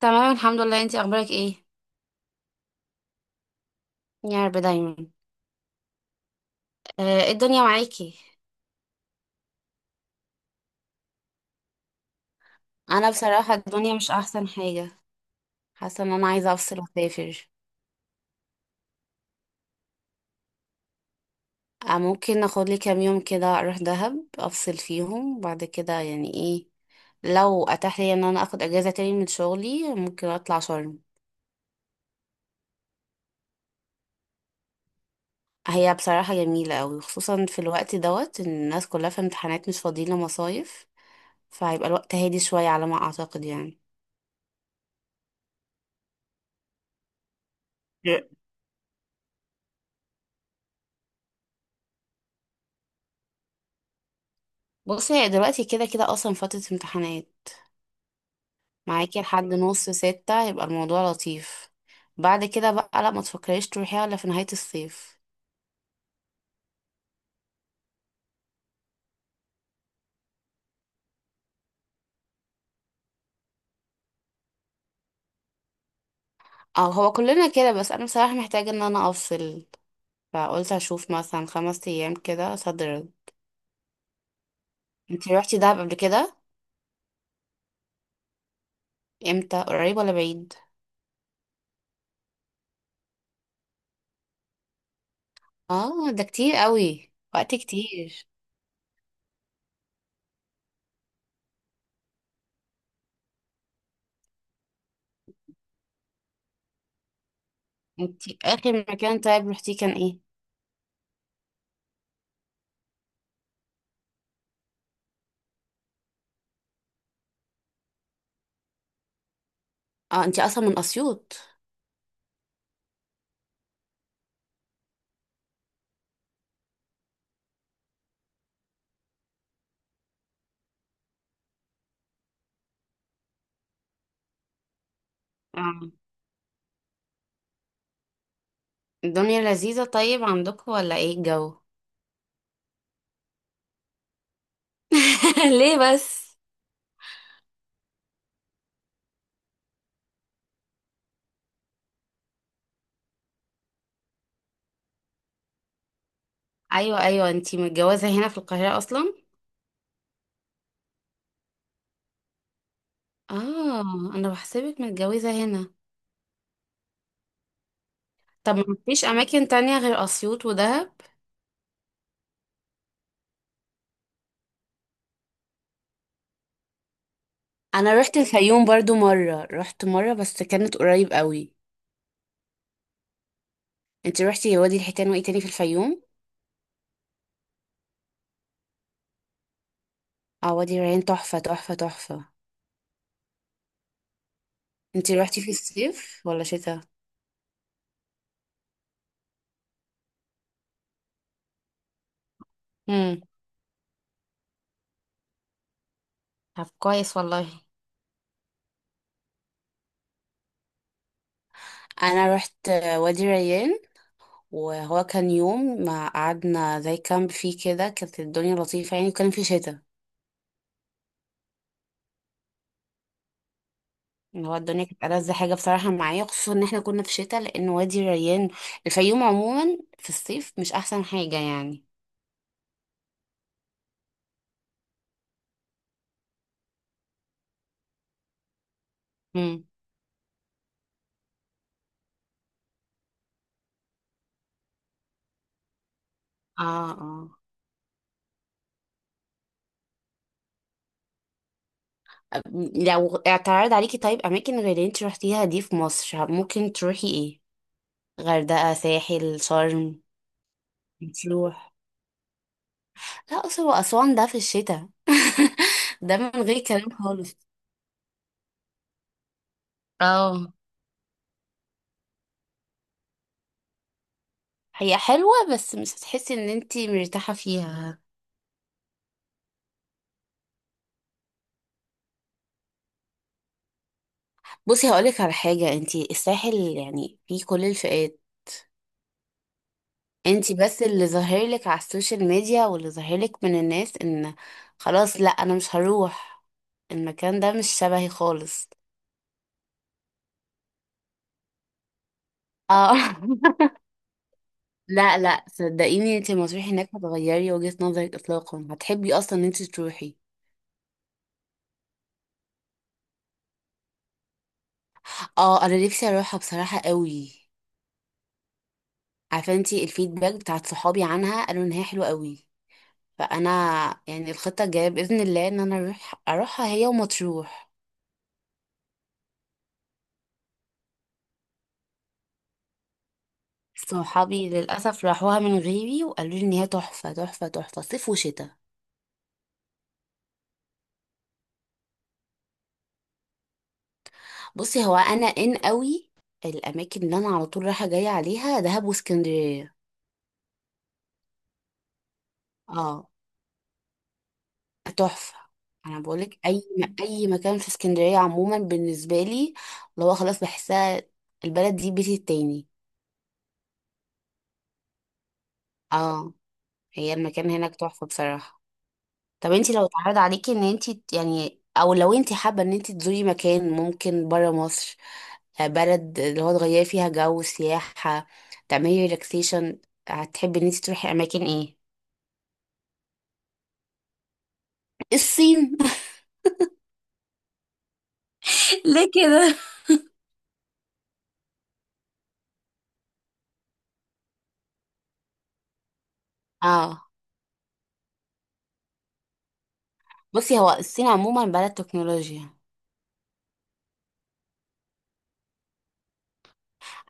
تمام، الحمد لله. انتي اخبارك ايه؟ يا رب دايما. آه، ايه الدنيا معاكي؟ انا بصراحة الدنيا مش احسن حاجة. حاسة ان انا عايزة افصل واسافر. آه، ممكن اخد لي كام يوم كده اروح دهب افصل فيهم بعد كده يعني ايه. لو اتاح لي ان انا اخد اجازة تاني من شغلي ممكن اطلع شرم. هي بصراحة جميلة قوي خصوصا في الوقت دوت ان الناس كلها في امتحانات مش فاضيين لمصايف. فهيبقى الوقت هادي شوية على ما اعتقد يعني. بصي، هي دلوقتي كده كده اصلا فترة امتحانات. معاكي لحد 5:30 يبقى الموضوع لطيف. بعد كده بقى لا، ما تفكريش تروحيها الا في نهاية الصيف. اه، هو كلنا كده بس انا بصراحة محتاجة ان انا افصل. فقلت اشوف مثلا 5 ايام كده صدر. انتي روحتي دهب قبل كده؟ امتى؟ قريب ولا بعيد؟ اه، ده كتير قوي، وقت كتير. انتي اخر مكان طيب روحتيه كان ايه؟ اه، انتي اصلا من اسيوط؟ اه، الدنيا لذيذة، طيب عندكم ولا ايه الجو؟ ليه بس؟ ايوه، ايوه، انتي متجوزه هنا في القاهره اصلا؟ اه، انا بحسبك متجوزه هنا. طب ما فيش اماكن تانية غير اسيوط ودهب؟ انا رحت الفيوم برضو مره، رحت مره بس كانت قريب قوي. انتي رحتي وادي الحيتان وايه تاني في الفيوم؟ اه، وادي الريان تحفه تحفه تحفه. انتي رحتي في الصيف ولا شتاء؟ امم. طب كويس والله. انا رحت وادي الريان، وهو كان يوم ما قعدنا زي كامب فيه كده، كانت الدنيا لطيفه يعني، وكان في شتاء. إن هو الدنيا كانت ألذ حاجة بصراحة معايا، خصوصا إن احنا كنا في شتاء، لأن وادي الريان الفيوم عموما في الصيف مش أحسن حاجة يعني. امم. اه، اه. أب- لو اعترض عليكي طيب أماكن غير اللي انت روحتيها دي في مصر ممكن تروحي ايه؟ غردقة، ساحل، شرم. بتروح. لا، أقصر وأسوان ده في الشتاء، ده من غير كلام خالص. اه. هي حلوة بس مش هتحسي ان انتي مرتاحة فيها. بصي، هقولك على حاجة، انتي الساحل يعني فيه كل الفئات. انتي بس اللي ظاهر لك على السوشيال ميديا واللي ظاهر لك من الناس ان خلاص لا انا مش هروح، المكان ده مش شبهي خالص. اه لا، لا، صدقيني انتي لما تروحي هناك هتغيري وجهة نظرك اطلاقا، هتحبي اصلا ان انتي تروحي. اه، انا نفسي اروحها بصراحة قوي. عارفه انتي الفيدباك بتاعت صحابي عنها؟ قالوا ان هي حلوة قوي. فانا يعني الخطة الجاية باذن الله ان انا اروحها هي ومطروح. صحابي للأسف راحوها من غيري وقالوا لي إن هي تحفة تحفة تحفة، صيف وشتاء. بصي، هو أنا إن قوي. الأماكن اللي أنا على طول رايحة جاية عليها دهب واسكندرية. اه، تحفة. أنا بقولك أي مكان في اسكندرية عموما بالنسبة لي اللي هو خلاص بحسها البلد دي بيتي التاني. اه. هي المكان هناك تحفة بصراحة. طب انت لو اتعرض عليكي ان انت يعني، او لو انت حابة ان انت تزوري مكان ممكن برا مصر، بلد اللي هو تغيري فيها جو، سياحة، تعملي ريلاكسيشن، هتحبي ان انت تروحي اماكن ايه؟ الصين؟ ليه كده؟ اه، بصي هو الصين عموما بلد تكنولوجيا.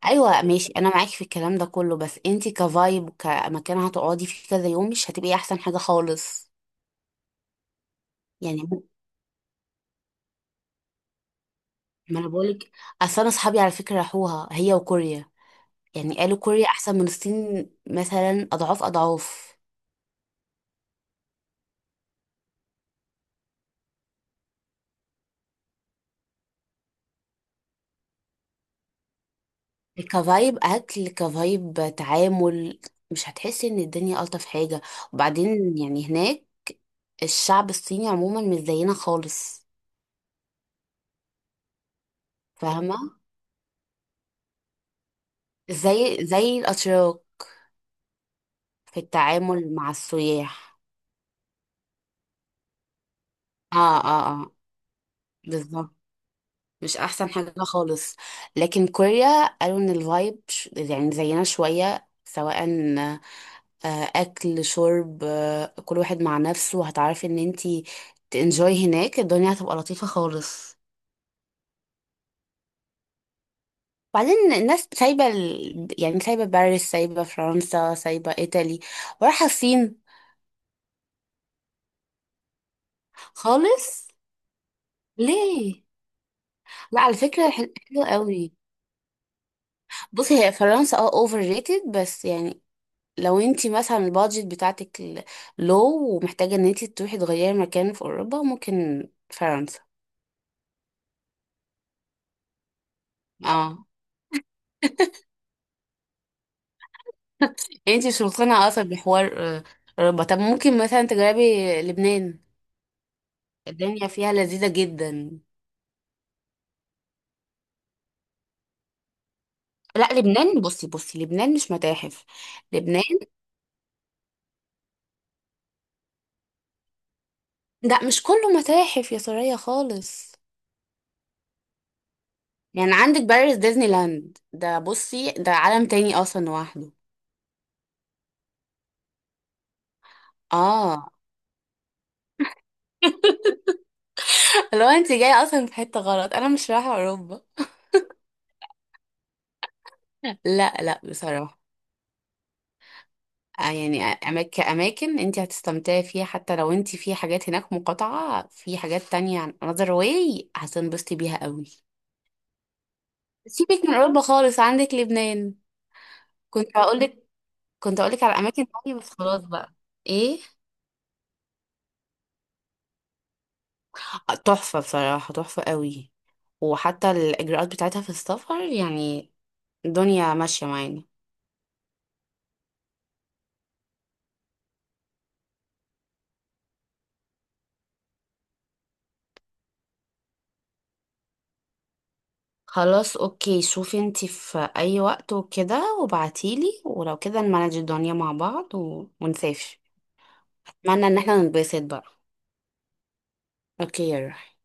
ايوه ماشي، انا معاكي في الكلام ده كله، بس انت كفايب كمكان هتقعدي فيه كذا يوم مش هتبقي احسن حاجة خالص، يعني. ما انا بقولك، اصل انا اصحابي على فكرة راحوها هي وكوريا، يعني قالوا كوريا احسن من الصين مثلا اضعاف اضعاف. كفايب اكل، كفايب تعامل. مش هتحسي ان الدنيا الطف حاجه. وبعدين يعني هناك الشعب الصيني عموما مش زينا خالص، فاهمه؟ زي الاتراك في التعامل مع السياح. اه، اه، اه، بالظبط. مش احسن حاجه خالص. لكن كوريا قالوا ان يعني زينا شويه سواء. آه، اكل، شرب، كل واحد مع نفسه. هتعرفي ان انتي تنجوي هناك الدنيا هتبقى لطيفة خالص. بعدين الناس سايبة يعني سايبة باريس، سايبة فرنسا، سايبة ايطالي، ورايحة الصين. خالص؟ ليه؟ لا، على فكرة حلوة قوي. بصي هي فرنسا اوفر ريتد، بس يعني لو انتي مثلا البادجت بتاعتك، لو ومحتاجة ان انتي تروحي تغيري مكان في اوروبا، ممكن فرنسا. اه. يعني انتي مش مقتنعة اصلا بحوار؟ آه، ربع، طب ممكن مثلا تجربي لبنان. الدنيا فيها لذيذة جدا. لا لبنان، بصي بصي لبنان مش متاحف. لبنان ده مش كله متاحف يا سوريا خالص. يعني عندك باريس، ديزني لاند، ده بصي ده عالم تاني اصلا لوحده. اه. لو انت جاية اصلا في حتة غلط، انا مش رايحة اوروبا. لا، لا، بصراحة يعني، كأماكن انت هتستمتعي فيها، حتى لو انت في حاجات هناك مقاطعة، في حاجات تانية عن another way هتنبسطي بيها قوي. سيبك من أوروبا خالص، عندك لبنان. كنت هقولك كنت هقولك على أماكن تانية، بس خلاص بقى. ايه؟ آه، تحفة بصراحة، تحفة قوي. وحتى الإجراءات بتاعتها في السفر يعني الدنيا ماشية معانا. خلاص، اوكي شوفي انتي في اي وقت وكده وبعتيلي، ولو كده نمانج الدنيا مع بعض ونسافر. معنى ان احنا ننبسط بقى. اوكي يا روحي.